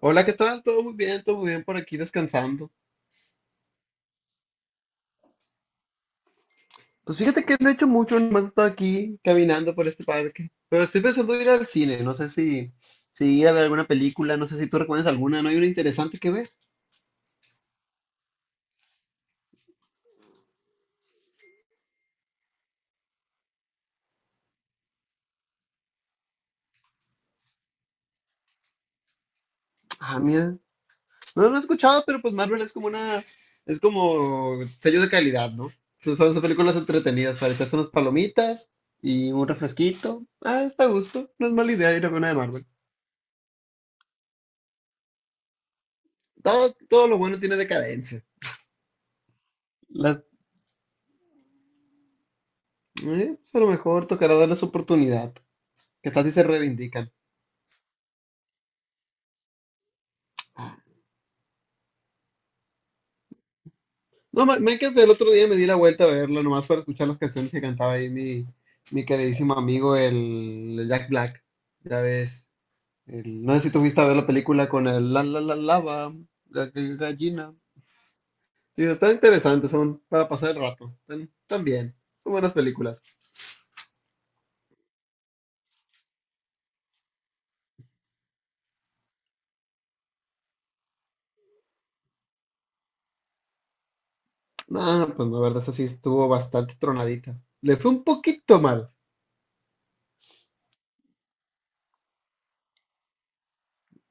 Hola, ¿qué tal? Todo muy bien por aquí descansando. Pues fíjate que no he hecho mucho, nomás he estado aquí caminando por este parque. Pero estoy pensando ir al cine, no sé si, si ir a ver alguna película, no sé si tú recuerdas alguna, ¿no hay una interesante que ver? Ah, mira, no lo he escuchado, pero pues Marvel es como una, es como sello de calidad, ¿no? Son películas entretenidas, para echarse unas palomitas y un refresquito. Ah, está a gusto, no es mala idea ir a ver una de Marvel. Todo lo bueno tiene decadencia. Pues a lo mejor tocará darles oportunidad. Que tal si se reivindican. No, Minecraft el otro día me di la vuelta a verlo, nomás para escuchar las canciones que cantaba mi queridísimo amigo, el Jack Black. Ya ves, no sé si tú fuiste a ver la película con el la la la lava, la gallina. Sí, están interesantes, son para pasar el rato. Están bien, son buenas películas. No, pues la verdad, esa sí estuvo bastante tronadita. Le fue un poquito mal.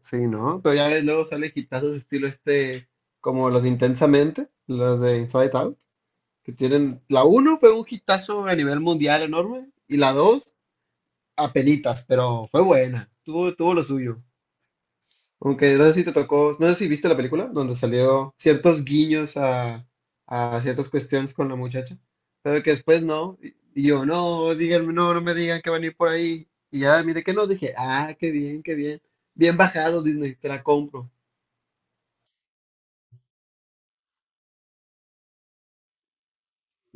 Sí, ¿no? Pero ya ves, luego sale hitazos estilo este, como los de Intensamente, los de Inside Out, que tienen, la uno fue un hitazo a nivel mundial enorme, y la 2 apenitas, pero fue buena, tuvo, tuvo lo suyo. Aunque no sé si te tocó, no sé si viste la película, donde salió ciertos guiños a ciertas cuestiones con la muchacha, pero que después no, y yo, no, díganme, no, no me digan que van a ir por ahí, y ya, mire que no, dije, ah, qué bien, bien bajado Disney, te la compro.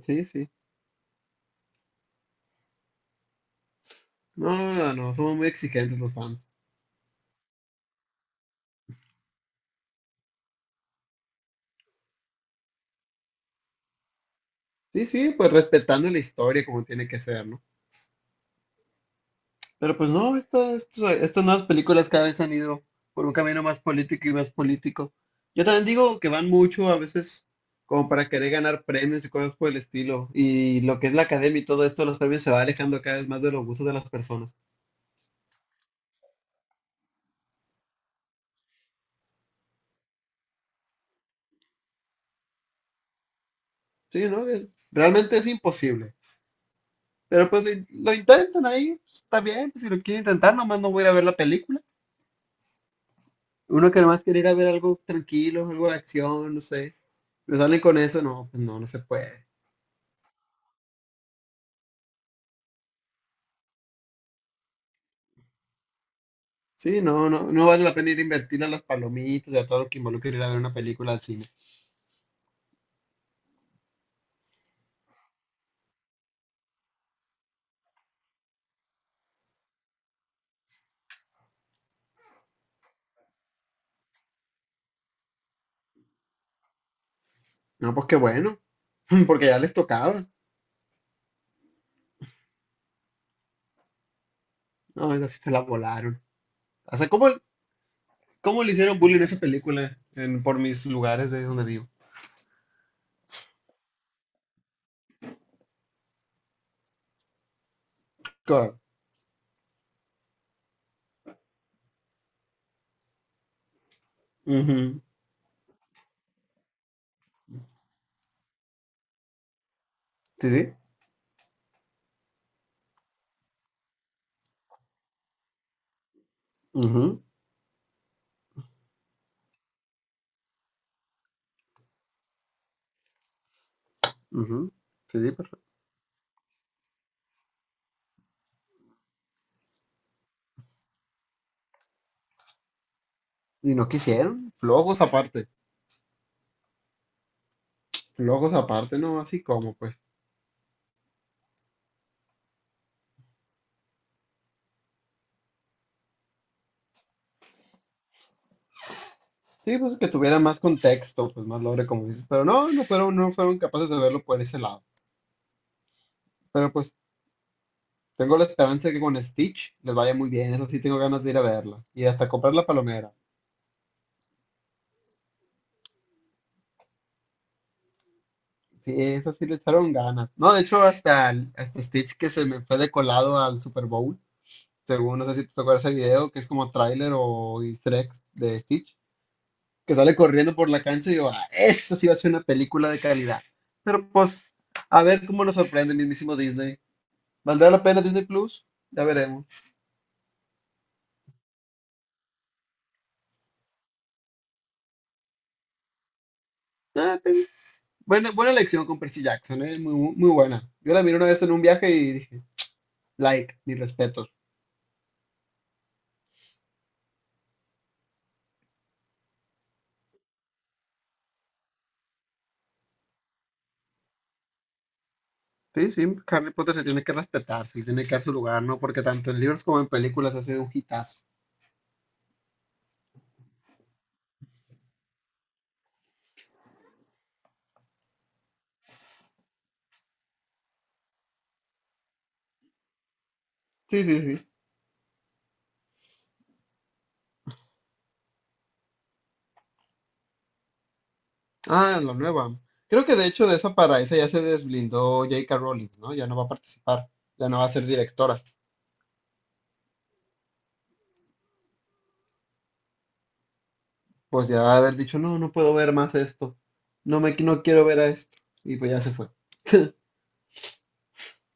Sí, sí. No, no, somos muy exigentes los fans. Sí, sí, pues respetando la historia como tiene que ser, ¿no? Pero pues no, estas nuevas películas cada vez han ido por un camino más político y más político. Yo también digo que van mucho a veces como para querer ganar premios y cosas por el estilo. Y lo que es la academia y todo esto, los premios se va alejando cada vez más de los gustos de las personas. Sí, ¿no? Realmente es imposible. Pero lo intentan ahí, pues, está bien, pues, si lo quieren intentar, nomás no voy a ir a ver la película. Uno que nomás quiere ir a ver algo tranquilo, algo de acción, no sé. Me salen con eso, no, pues no, no se puede. Sí, no, no, no vale la pena ir a invertir a las palomitas y a todo lo que involucra ir a ver una película al cine. No, pues qué bueno, porque ya les tocaba. No, esa sí se la volaron. O sea, ¿cómo le hicieron bullying a esa película en, por mis lugares de donde vivo? Claro. Ujú. Sí, sí. Ujú, ujú. Sí, sí, perfecto. Y no quisieron, flojos aparte, no, así como pues. Sí, pues que tuviera más contexto, pues más lore, como dices, pero no, no fueron, no fueron capaces de verlo por ese lado. Pero pues tengo la esperanza de que con Stitch les vaya muy bien, eso sí tengo ganas de ir a verla. Y hasta comprar la palomera. Sí, eso sí le echaron ganas. No, de hecho, hasta Stitch que se me fue de colado al Super Bowl, según no sé si te acuerdas ese video, que es como tráiler o easter eggs de Stitch, que sale corriendo por la cancha y yo, ah, esto sí va a ser una película de calidad. Pero pues, a ver cómo nos sorprende el mismísimo Disney. ¿Valdrá la pena Disney Plus? Ya veremos. Ah, buena, buena elección con Percy Jackson, ¿eh? Muy, muy, muy buena. Yo la miré una vez en un viaje y dije, like, mis respetos. Sí, sí, Harry Potter se tiene que respetar, sí, tiene que dar su lugar, ¿no? Porque tanto en libros como en películas ha sido un hitazo. Sí, sí, sí. Ah, la nueva. Creo que de hecho de esa para esa ya se desblindó JK Rowling, ¿no? Ya no va a participar, ya no va a ser directora. Pues ya va a haber dicho, no, no puedo ver más esto, no quiero ver a esto. Y pues ya se fue.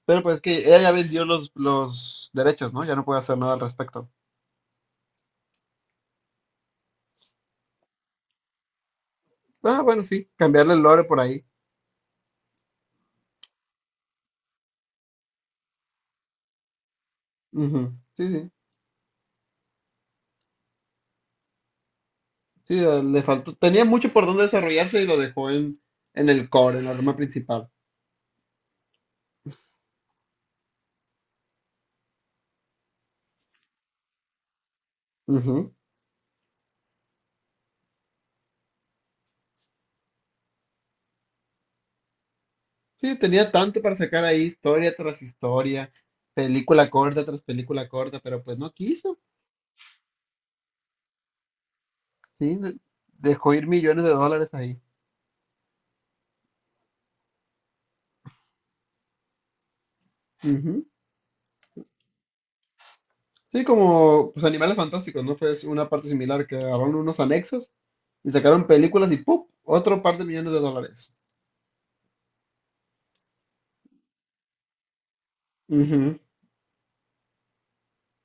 Pero pues que ella ya vendió los derechos, ¿no? Ya no puede hacer nada al respecto. Ah, bueno, sí, cambiarle el lore por ahí. Ujú, sí, sí. Sí, le faltó. Tenía mucho por dónde desarrollarse y lo en el core, en la rama principal. Ujú. Sí, tenía tanto para sacar ahí, historia tras historia, película corta tras película corta, pero pues no quiso. Sí, dejó ir millones de dólares ahí. Sí, como pues, Animales Fantásticos, ¿no? Fue una parte similar que agarraron unos anexos y sacaron películas y ¡pum! Otro par de millones de dólares. Ujú.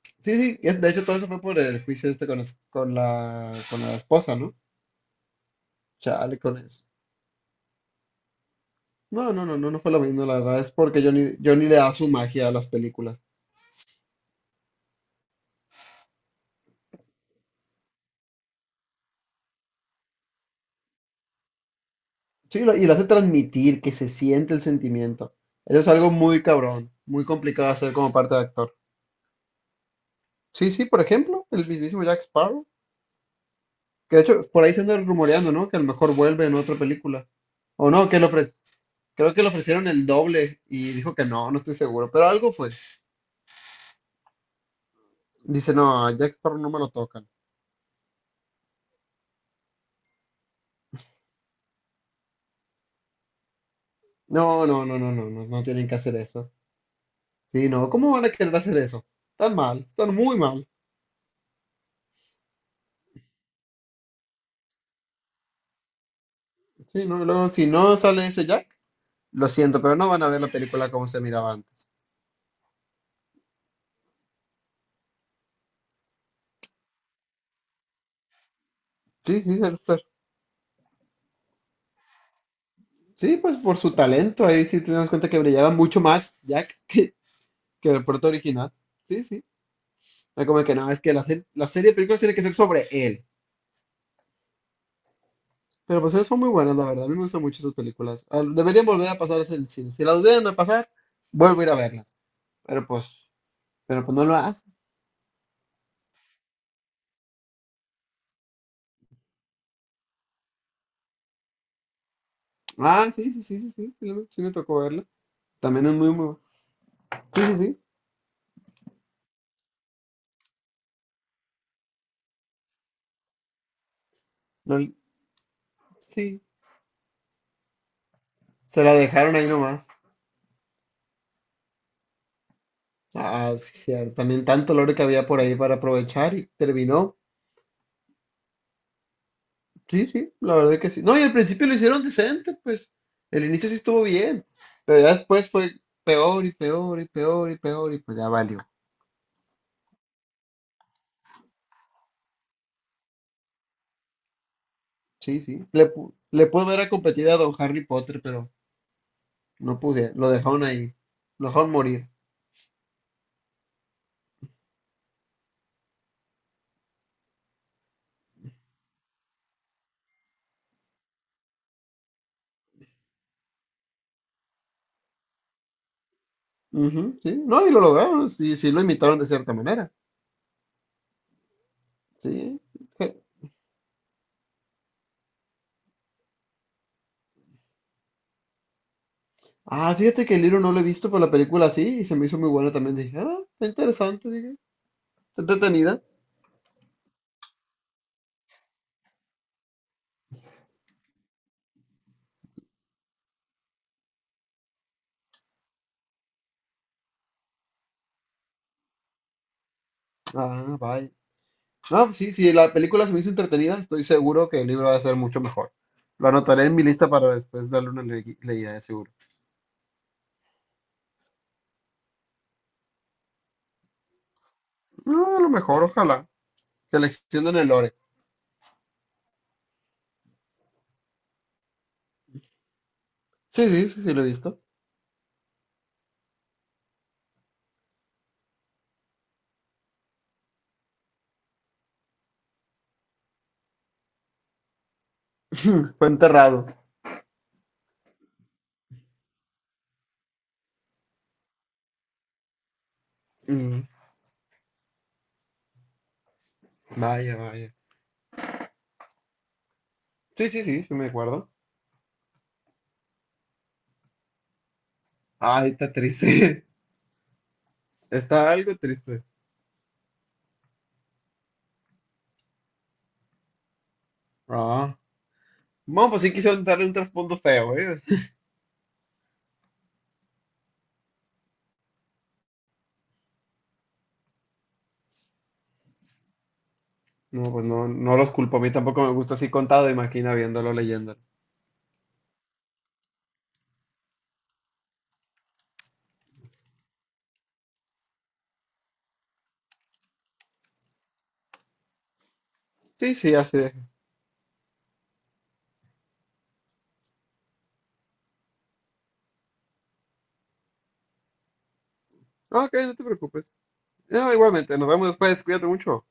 Sí, sí, de hecho todo eso fue por el juicio este con, con la esposa, ¿no? Chale, con eso. No, no, no, no, no fue lo mismo, la verdad, es porque Johnny, Johnny le da su magia a las películas. Sí, y lo hace transmitir, que se siente el sentimiento. Eso es algo muy cabrón, muy complicado de hacer como parte de actor. Sí, sí, por ejemplo, el mismísimo Jack Sparrow. Que de hecho, por ahí se anda rumoreando, ¿no? Que a lo mejor vuelve en otra película. O no, que le ofrece. Creo que le ofrecieron el doble y dijo que no, no estoy seguro, pero algo fue. Dice, no, a Jack Sparrow no me lo tocan. No, no, no, no, no, no, no tienen que hacer eso. Sí, no, ¿cómo van a querer hacer eso? Están mal, están muy mal. Sí, no, luego si no sale ese Jack, lo siento, pero no van a ver la película como se miraba antes. Sí, sí, debe ser. Sí, pues por su talento, ahí sí tenemos cuenta que brillaba mucho más que el puerto original. Sí, sí. No, como que no, es que la, se- la serie de películas tiene que ser sobre él. Pero pues son muy buenas, la verdad. A mí me gustan mucho esas películas. Ah, deberían volver a pasarlas en el cine. Si las volvieran a pasar, vuelvo a ir a verlas. Pero pues, pero pues no lo hacen. Ah, sí, sí, sí, sí, sí, sí, sí me tocó verla. También es muy, sí, sí, sí. lo- sí. Se la dejaron ahí nomás. Ah, sí, cierto. También tanto lore que había por ahí para aprovechar y terminó. Sí, sí, la verdad que sí. No, y al principio lo hicieron decente, pues. El inicio sí estuvo bien, pero ya después fue peor y peor y peor y peor y pues ya valió. Sí, sí. Le pudo haber competido a Don Harry Potter, pero no pude. Lo dejaron ahí. Lo dejaron morir. Ujú, sí. No, y lo lograron. Sí, sí, lo imitaron de cierta manera. Sí. Je- ah, fíjate que el libro no lo he visto, pero la película sí, y se me hizo muy buena también. Dije, ah, está interesante, dije. Está entretenida. Ah, vaya. No, sí, sí, la película se me hizo entretenida, estoy seguro que el libro va a ser mucho mejor. Lo anotaré en mi lista para después darle una leída de seguro. No, a lo mejor, ojalá. Que la extiendan el lore. Sí, sí, sí, sí, lo he visto. Fue enterrado. Mm, vaya, vaya. Sí, sí, sí, sí me acuerdo. Ay, está triste. Está algo triste. Ah. Bueno, pues sí quisieron darle un trasfondo feo, ¿eh? No, pues no, no los culpo. A mí tampoco me gusta así contado, imagina viéndolo, leyéndolo. Sí, sí, así deja. Ok, no te preocupes. No, igualmente, nos vemos después, cuídate mucho.